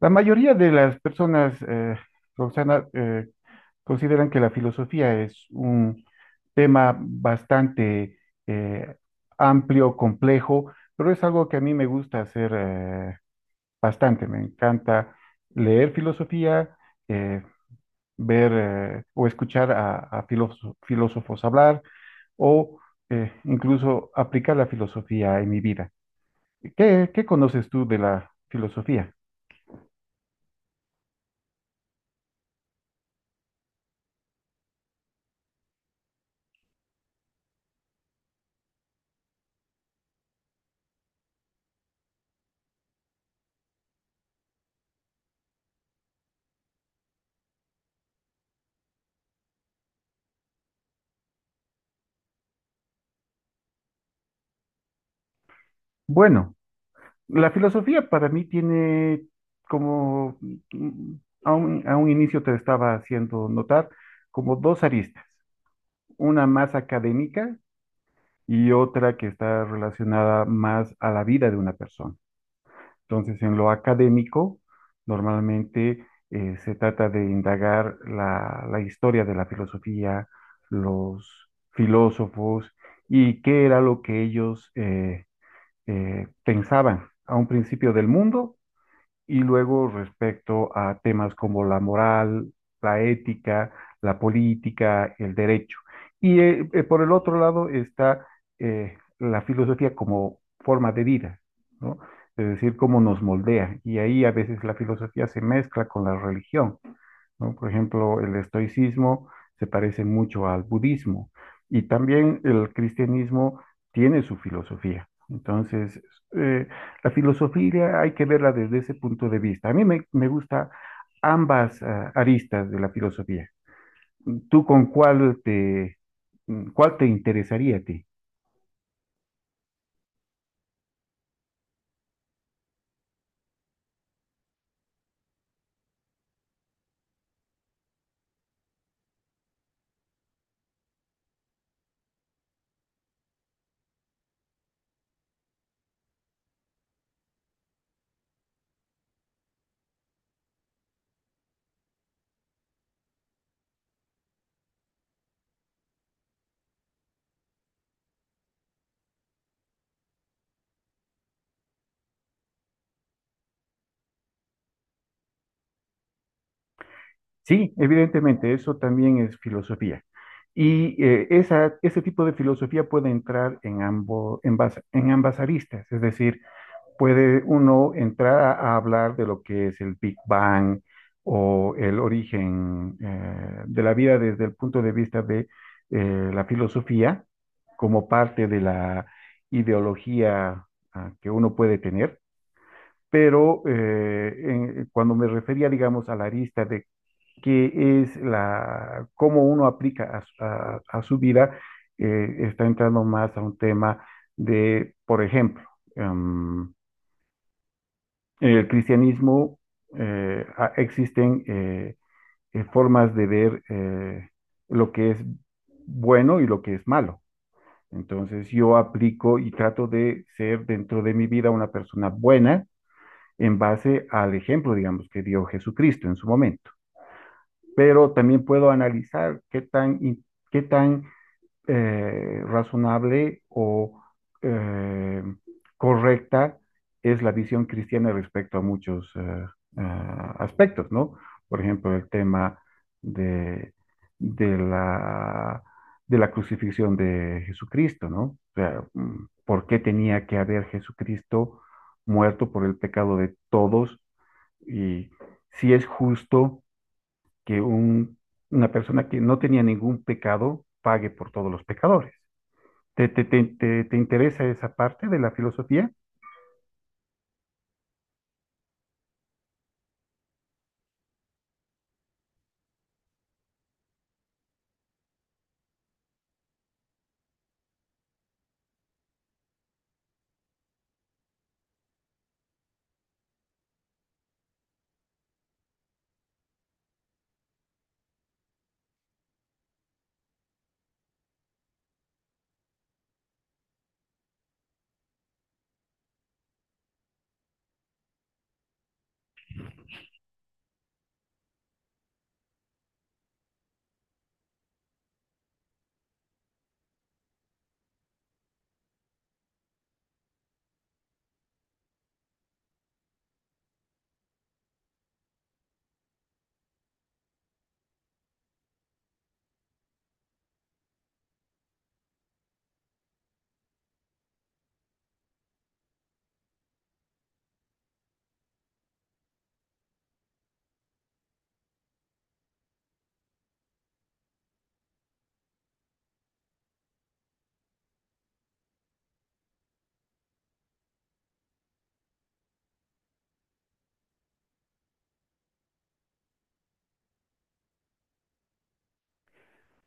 La mayoría de las personas, Roxana, consideran que la filosofía es un tema bastante eh, amplio, complejo, pero es algo que a mí me gusta hacer bastante. Me encanta leer filosofía, eh, ver o escuchar a filósofos hablar o incluso aplicar la filosofía en mi vida. ¿Qué conoces tú de la filosofía? Bueno, la filosofía para mí tiene como, mm, a un inicio te estaba haciendo notar, como dos aristas, una más académica y otra que está relacionada más a la vida de una persona. Entonces, en lo académico, normalmente se trata de indagar la historia de la filosofía, los filósofos y qué era lo que ellos pensaban a un principio del mundo y luego respecto a temas como la moral, la ética, la política, el derecho. Y por el otro lado está la filosofía como forma de vida, ¿no? Es decir, cómo nos moldea. Y ahí a veces la filosofía se mezcla con la religión. ¿No? Por ejemplo, el estoicismo se parece mucho al budismo y también el cristianismo tiene su filosofía. Entonces, eh, la filosofía hay que verla desde ese punto de vista. A mí me gusta ambas aristas de la filosofía. ¿Tú con cuál te interesaría a ti? Sí, evidentemente, eso también es filosofía. Y ese tipo de filosofía puede entrar en, ambos, en ambas aristas, es decir, puede uno entrar a hablar de lo que es el Big Bang o el origen de la vida desde el punto de vista de la filosofía como parte de la ideología que uno puede tener, pero cuando me refería, digamos, a la arista de cómo uno aplica a su vida, está entrando más a un tema de, por ejemplo, em, en el cristianismo eh, existen formas de ver lo que es bueno y lo que es malo. Entonces yo aplico y trato de ser dentro de mi vida una persona buena en base al ejemplo, digamos, que dio Jesucristo en su momento. Pero también puedo analizar qué tan razonable o eh, correcta es la visión cristiana respecto a muchos eh, aspectos, ¿no? Por ejemplo, el tema de, de la, de la crucifixión de Jesucristo, ¿no? O sea, ¿por qué tenía que haber Jesucristo muerto por el pecado de todos? Y si es justo que una persona que no tenía ningún pecado pague por todos los pecadores. ¿Te interesa esa parte de la filosofía?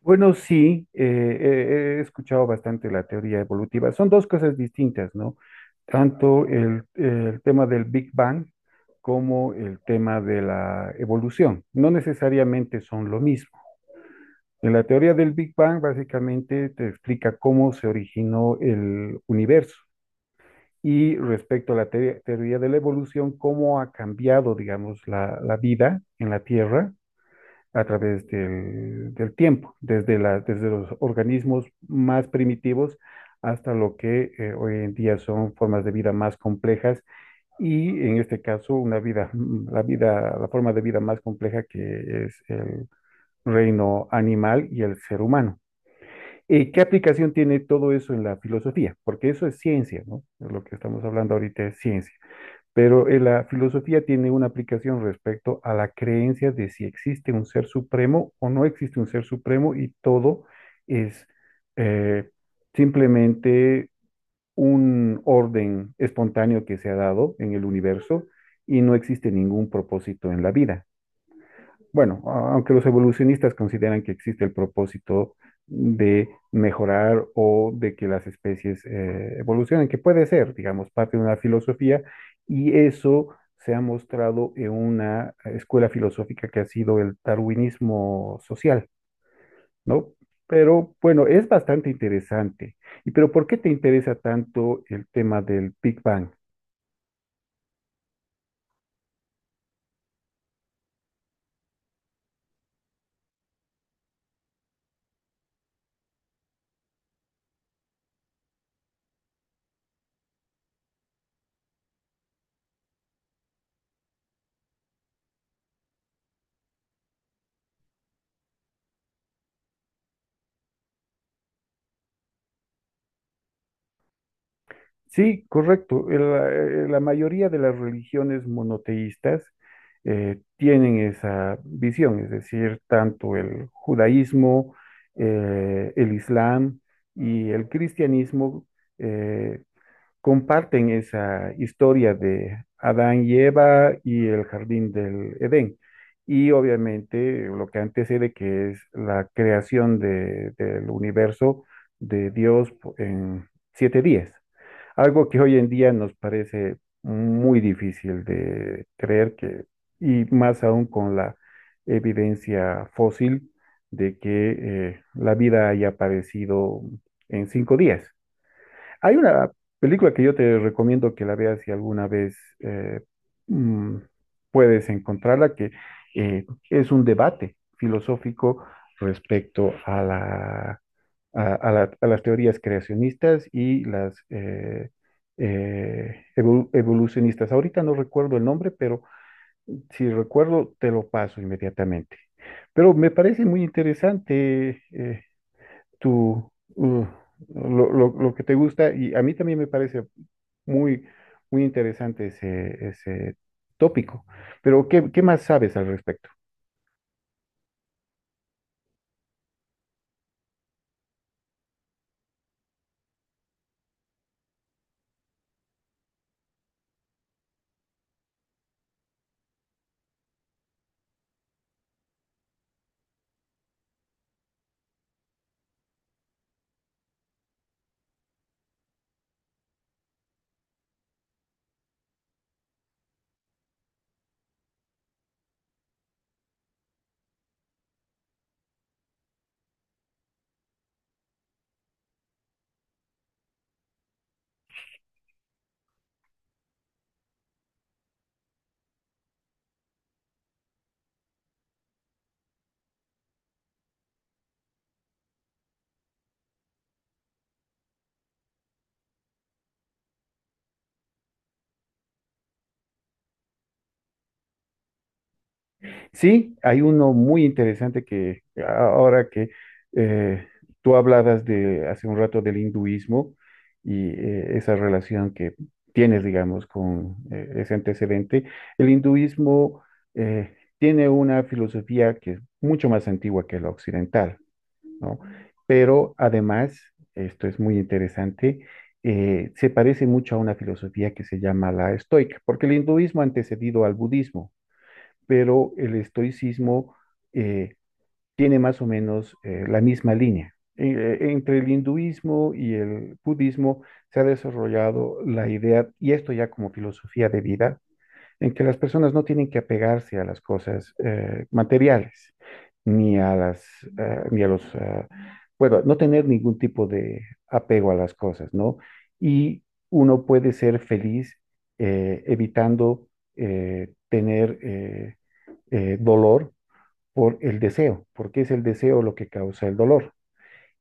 Bueno, sí, he escuchado bastante la teoría evolutiva. Son dos cosas distintas, ¿no? Tanto el tema del Big Bang como el tema de la evolución. No necesariamente son lo mismo. En la teoría del Big Bang, básicamente te explica cómo se originó el universo. Y respecto a la teoría de la evolución, cómo ha cambiado, digamos, la vida en la Tierra a través del tiempo, desde los organismos más primitivos hasta lo que hoy en día son formas de vida más complejas y en este caso una vida, mm, la vida, la forma de vida más compleja que es el reino animal y el ser humano. ¿Qué aplicación tiene todo eso en la filosofía? Porque eso es ciencia, ¿no? Lo que estamos hablando ahorita es ciencia. Pero la filosofía tiene una aplicación respecto a la creencia de si existe un ser supremo o no existe un ser supremo y todo es eh, simplemente un orden espontáneo que se ha dado en el universo y no existe ningún propósito en la vida. Bueno, aunque los evolucionistas consideran que existe el propósito de mejorar o de que las especies evolucionen, que puede ser, digamos, parte de una filosofía, y eso se ha mostrado en una escuela filosófica que ha sido el darwinismo social, ¿no? Pero bueno, es bastante interesante. ¿Y pero por qué te interesa tanto el tema del Big Bang? Sí, correcto. Mayoría de las religiones monoteístas tienen esa visión, es decir, tanto el judaísmo, el islam y el cristianismo eh, comparten esa historia de Adán y Eva y el jardín del Edén. Y obviamente lo que antecede que es la creación del universo de Dios en siete días. Algo que hoy en día nos parece muy difícil de creer que, y más aún con la evidencia fósil de que la vida haya aparecido en cinco días. Hay una película que yo te recomiendo que la veas si alguna vez mm, puedes encontrarla, que es un debate filosófico respecto a a las teorías creacionistas y las evolucionistas. Ahorita no recuerdo el nombre, pero si recuerdo, te lo paso inmediatamente. Pero me parece muy interesante tu, uh, lo que te gusta y a mí también me parece muy, muy interesante ese tópico. Pero, ¿qué más sabes al respecto? Sí, hay uno muy interesante que ahora que eh, tú hablabas de hace un rato del hinduismo y esa relación que tienes, digamos, con ese antecedente, el hinduismo tiene una filosofía que es mucho más antigua que la occidental, ¿no? Pero además, esto es muy interesante, se parece mucho a una filosofía que se llama la estoica, porque el hinduismo ha antecedido al budismo pero el estoicismo eh, tiene más o menos la misma línea. Entre el hinduismo y el budismo se ha desarrollado la idea, y esto ya como filosofía de vida, en que las personas no tienen que apegarse a las cosas materiales, ni a las, ni a los, bueno, no tener ningún tipo de apego a las cosas, ¿no? Y uno puede ser feliz evitando tener dolor por el deseo, porque es el deseo lo que causa el dolor.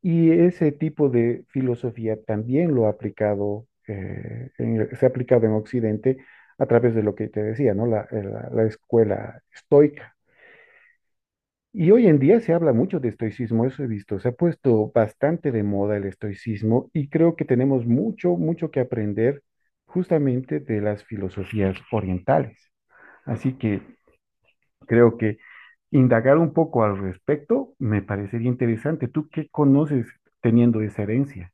Y ese tipo de filosofía también lo ha aplicado, se ha aplicado en Occidente a través de lo que te decía, ¿no? La escuela estoica. Y hoy en día se habla mucho de estoicismo, eso he visto, se ha puesto bastante de moda el estoicismo y creo que tenemos mucho que aprender justamente de las filosofías orientales. Así que creo que indagar un poco al respecto me parecería interesante. ¿Tú qué conoces teniendo esa herencia?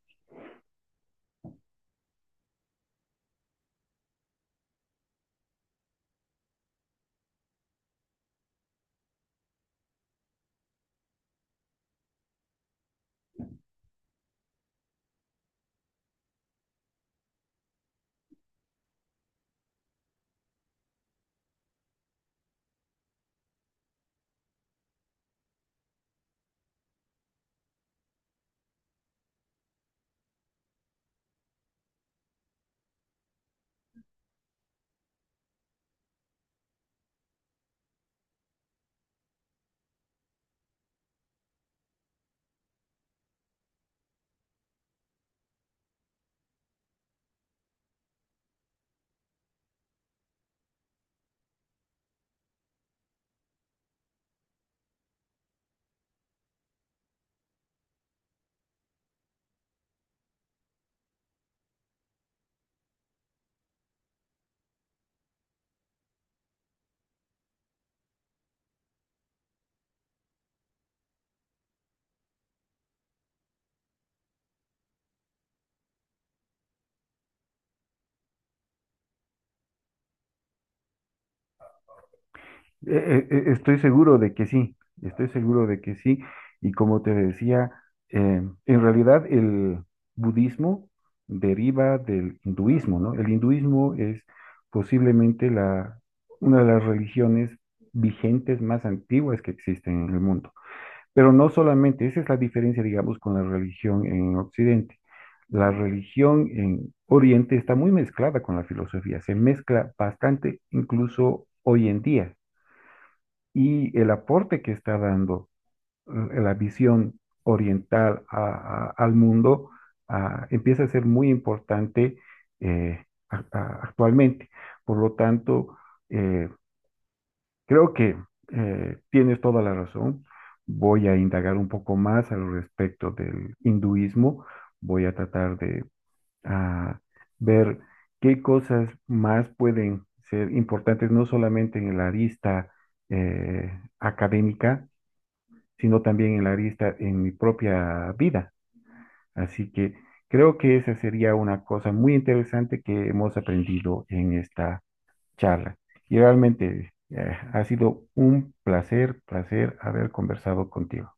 Estoy seguro de que sí, estoy seguro de que sí. Y como te decía, en realidad el budismo deriva del hinduismo, ¿no? El hinduismo es posiblemente una de las religiones vigentes más antiguas que existen en el mundo. Pero no solamente, esa es la diferencia, digamos, con la religión en Occidente. La religión en Oriente está muy mezclada con la filosofía, se mezcla bastante incluso hoy en día. Y el aporte que está dando eh, la visión oriental al mundo empieza a ser muy importante eh, actualmente. Por lo tanto, eh, creo que tienes toda la razón. Voy a indagar un poco más al respecto del hinduismo. Voy a tratar de ah, ver qué cosas más pueden ser importantes, no solamente en la arista eh, académica, sino también en la arista en mi propia vida. Así que creo que esa sería una cosa muy interesante que hemos aprendido en esta charla. Y realmente ha sido un placer haber conversado contigo.